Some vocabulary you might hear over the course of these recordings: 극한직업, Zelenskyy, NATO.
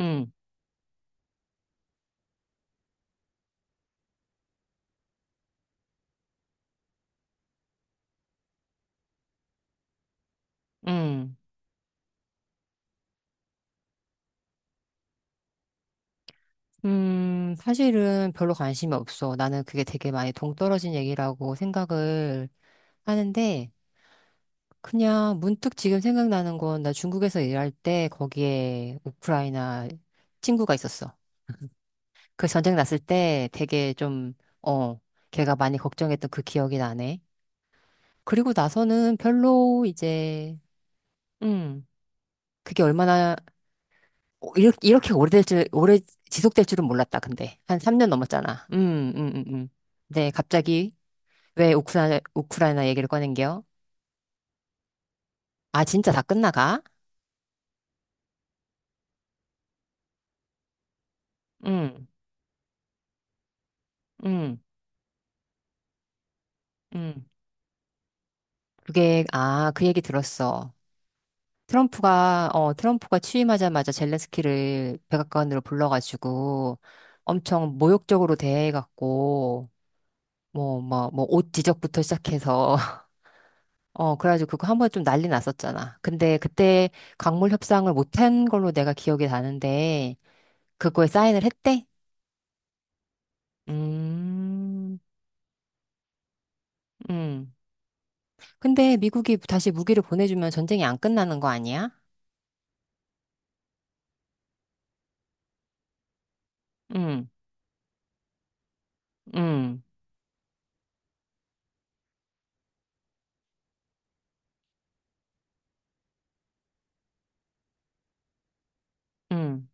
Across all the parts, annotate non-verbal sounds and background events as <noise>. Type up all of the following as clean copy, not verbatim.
응, 응. 사실은 별로 관심이 없어. 나는 그게 되게 많이 동떨어진 얘기라고 생각을 하는데, 그냥 문득 지금 생각나는 건 나 중국에서 일할 때 거기에 우크라이나 친구가 있었어. 그 전쟁 났을 때 되게 좀, 어, 걔가 많이 걱정했던 그 기억이 나네. 그리고 나서는 별로 이제, 음, 그게 얼마나 이렇게 오래 지속될 줄은 몰랐다, 근데. 한 3년 넘었잖아. 네, 갑자기 왜 우크라이나 얘기를 꺼낸겨? 아, 진짜 다 끝나가? 음, 음, 음. 그게, 그 얘기 들었어. 트럼프가 취임하자마자 젤렌스키를 백악관으로 불러가지고 엄청 모욕적으로 대해갖고, 뭐, 옷 지적부터 시작해서 그래가지고 그거 한 번에 좀 난리 났었잖아. 근데 그때 광물 협상을 못한 걸로 내가 기억이 나는데, 그거에 사인을 했대? 음, 음. 근데 미국이 다시 무기를 보내주면 전쟁이 안 끝나는 거 아니야? 음, 음, 음.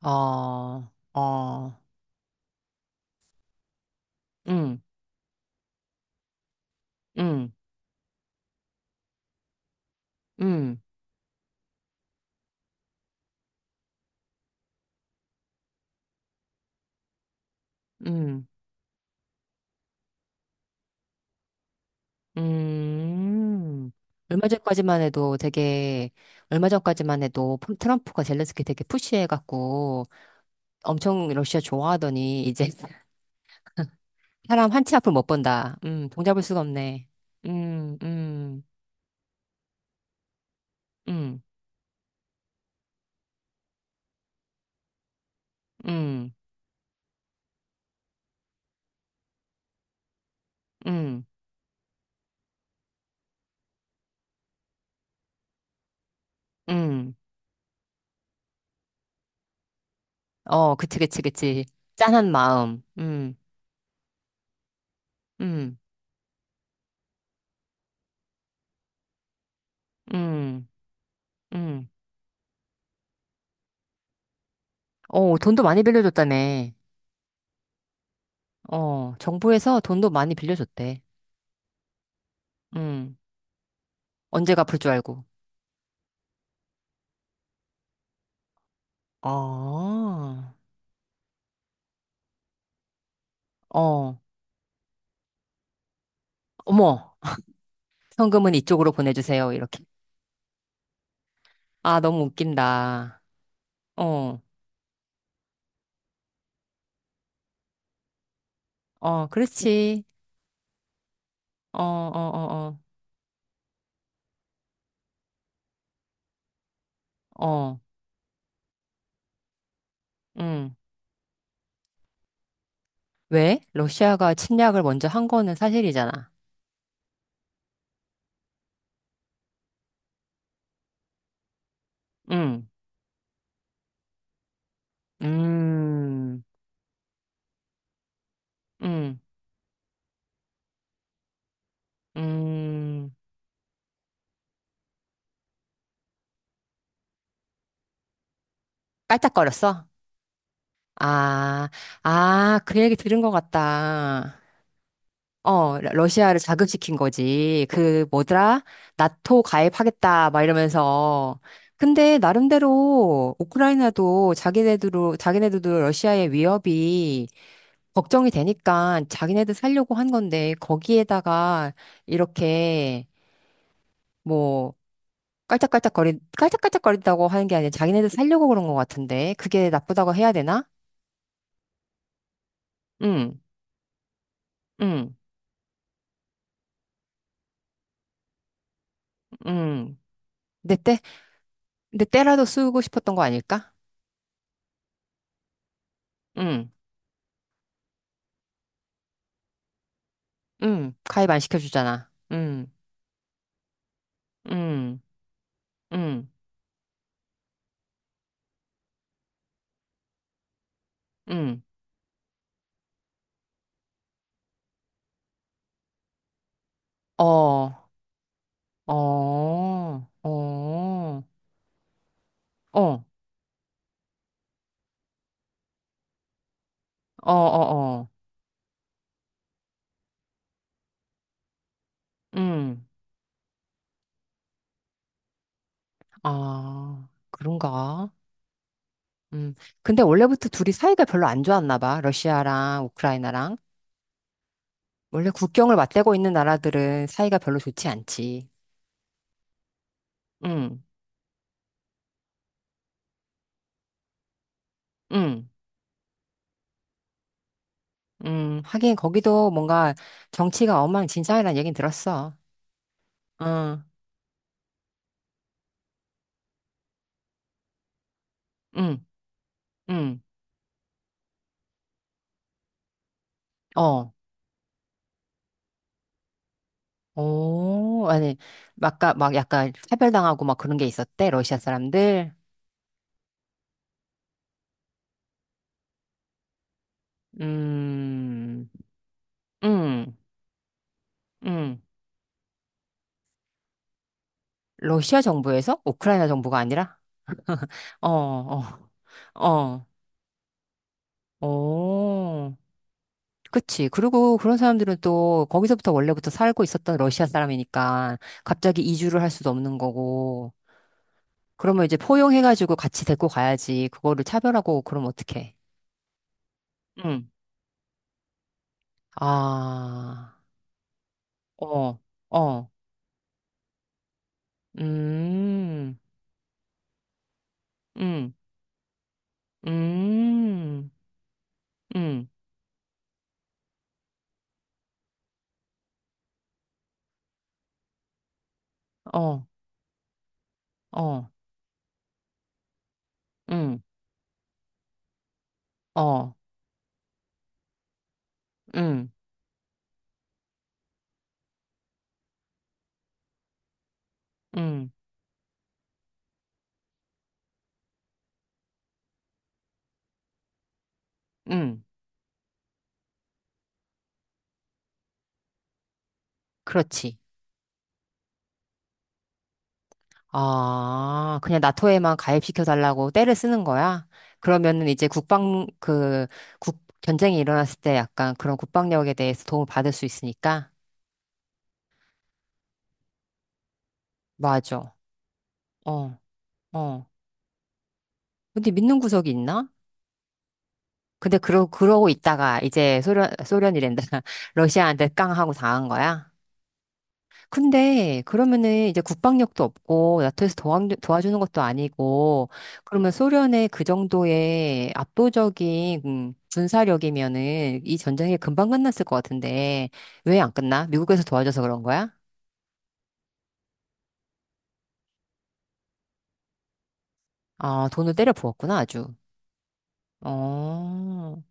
어, 어, 음, 음, 음, 음, 음. 얼마 전까지만 해도 되게, 얼마 전까지만 해도 트럼프가 젤렌스키 되게 푸시해갖고, 엄청 러시아 좋아하더니 이제 <laughs> 사람 한치 앞을 못 본다. 동잡을 수가 없네. 음, 음, 음, 음, 음, 음. 어, 그치, 그치, 그치. 짠한 마음. 음, 음, 음. 어, 돈도 많이 빌려줬다며. 어, 정부에서 돈도 많이 빌려줬대. 음, 언제 갚을 줄 알고. 어, 어, 어머, 현금은 이쪽으로 보내주세요. 이렇게. 아, 너무 웃긴다. 어, 어, 그렇지. 어, 어, 어, 어, 어, 응. 왜? 러시아가 침략을 먼저 한 거는 사실이잖아. 응, 음, 음 음. 깔짝거렸어? 아, 아, 그 얘기 들은 것 같다. 어, 러시아를 자극시킨 거지. 뭐더라? 나토 가입하겠다, 막 이러면서. 근데, 나름대로, 우크라이나도 자기네들도 러시아의 위협이 걱정이 되니까 자기네들 살려고 한 건데 거기에다가 이렇게 뭐 깔짝깔짝거리 깔짝깔짝거린다고 하는 게 아니라 자기네들 살려고 그런 것 같은데 그게 나쁘다고 해야 되나? 응, 응, 응. 내 때, 내 때라도 쓰고 싶었던 거 아닐까? 응, 응. 가입 안 시켜주잖아. 응, 응, 응, 응. 어, 어, 어, 어, 어, 어, 어. 응. 아, 그런가? 음. 근데 원래부터 둘이 사이가 별로 안 좋았나 봐. 러시아랑 우크라이나랑. 원래 국경을 맞대고 있는 나라들은 사이가 별로 좋지 않지. 음, 음, 하긴 거기도 뭔가 정치가 엉망진창이라는 얘긴 들었어. 응, 응, 응. 어. 오, 아니, 막까 막 약간 차별당하고 막 그런 게 있었대, 러시아 사람들. 음, 음, 음. 러시아 정부에서? 우크라이나 정부가 아니라? 어, 어, 어. 어, 그치. 그리고 그런 사람들은 또 거기서부터 원래부터 살고 있었던 러시아 사람이니까 갑자기 이주를 할 수도 없는 거고. 그러면 이제 포용해가지고 같이 데리고 가야지. 그거를 차별하고 그러면 어떡해. 응. 아, 어, 어, 음, 음, 음, 음, 어, 어, 음, 어, 음, 음, 음. 그렇지. 아, 그냥 나토에만 가입시켜 달라고 떼를 쓰는 거야? 그러면은 이제 전쟁이 일어났을 때 약간 그런 국방력에 대해서 도움을 받을 수 있으니까? 맞아. 어, 어. 근데 믿는 구석이 있나? 근데 그러고 있다가 이제 소련이란다. <laughs> 러시아한테 깡하고 당한 거야? 근데 그러면은 이제 국방력도 없고 나토에서 도와주는 것도 아니고 그러면 소련의 그 정도의 압도적인 군사력이면은 이 전쟁이 금방 끝났을 것 같은데 왜 안 끝나? 미국에서 도와줘서 그런 거야? 아, 돈을 때려 부었구나 아주. 어,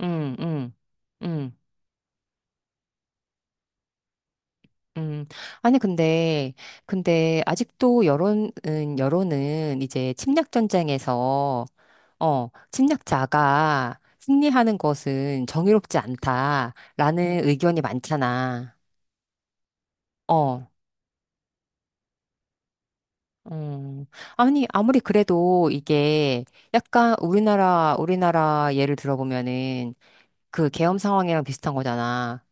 응, 응, 응. 음, 아니, 근데, 아직도 여론은 이제 침략전쟁에서, 침략자가 승리하는 것은 정의롭지 않다라는 의견이 많잖아. 어, 음. 아니, 아무리 그래도 이게 약간 우리나라 예를 들어보면은 그 계엄 상황이랑 비슷한 거잖아.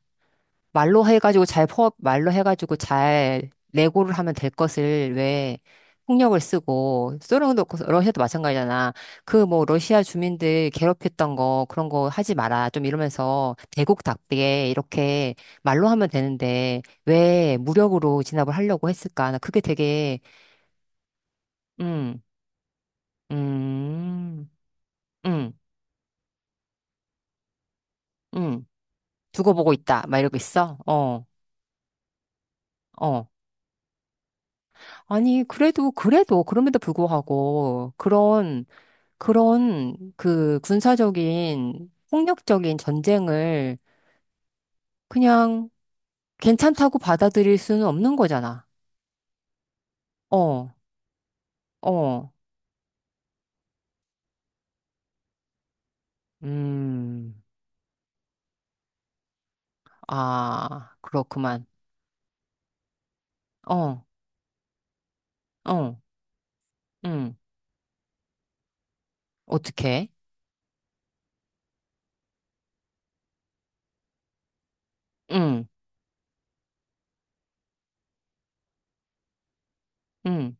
말로 해가지고 잘 레고를 하면 될 것을 왜 폭력을 쓰고 소련도 그렇고 러시아도 마찬가지잖아. 그 뭐 러시아 주민들 괴롭혔던 거 그런 거 하지 마라 좀 이러면서 대국답게 이렇게 말로 하면 되는데 왜 무력으로 진압을 하려고 했을까? 나 그게 되게 음, 음, 음, 음. 두고 보고 있다. 막 이러고 있어. 어, 어. 아니, 그래도, 그럼에도 불구하고, 그런 그 군사적인 폭력적인 전쟁을 그냥 괜찮다고 받아들일 수는 없는 거잖아. 어, 어, 음, 아, 그렇구만. 어, 어, 음, 어떻게? 음, 음,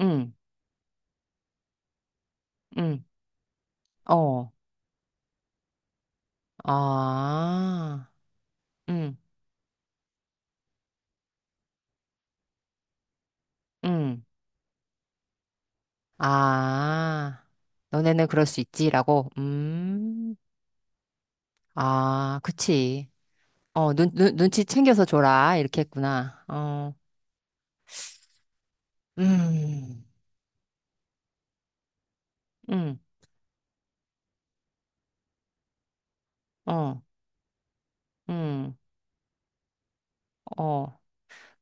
음, 음, 어, 아, 음, 음, 아, 너네는 그럴 수 있지라고. 아, 그치. 어, 눈치 챙겨서 줘라. 이렇게 했구나. 어, 음, 음, 어, 음, 어.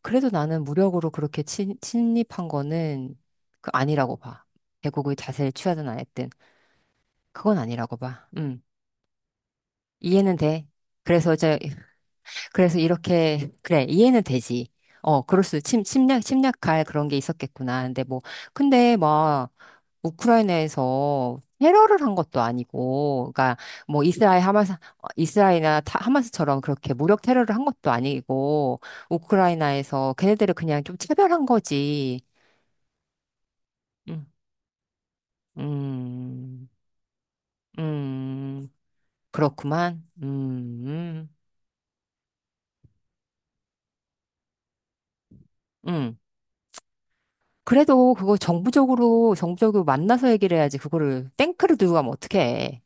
그래도 나는 무력으로 그렇게 침입한 거는 그 아니라고 봐. 대국의 자세를 취하든 안 했든. 그건 아니라고 봐. 이해는 돼. 그래서 이제, 그래서 이렇게, 그래, 이해는 되지. 어, 그럴 수, 침, 침략, 침략할 그런 게 있었겠구나. 근데 뭐, 근데 막, 우크라이나에서 테러를 한 것도 아니고, 그러니까 뭐 이스라엘이나 하마스처럼 그렇게 무력 테러를 한 것도 아니고, 우크라이나에서 걔네들을 그냥 좀 차별한 거지. 음, 음, 음, 그렇구만. 음. 그래도 그거 정부적으로, 정부적으로 만나서 얘기를 해야지. 그거를 탱크를 들고 가면 어떡해.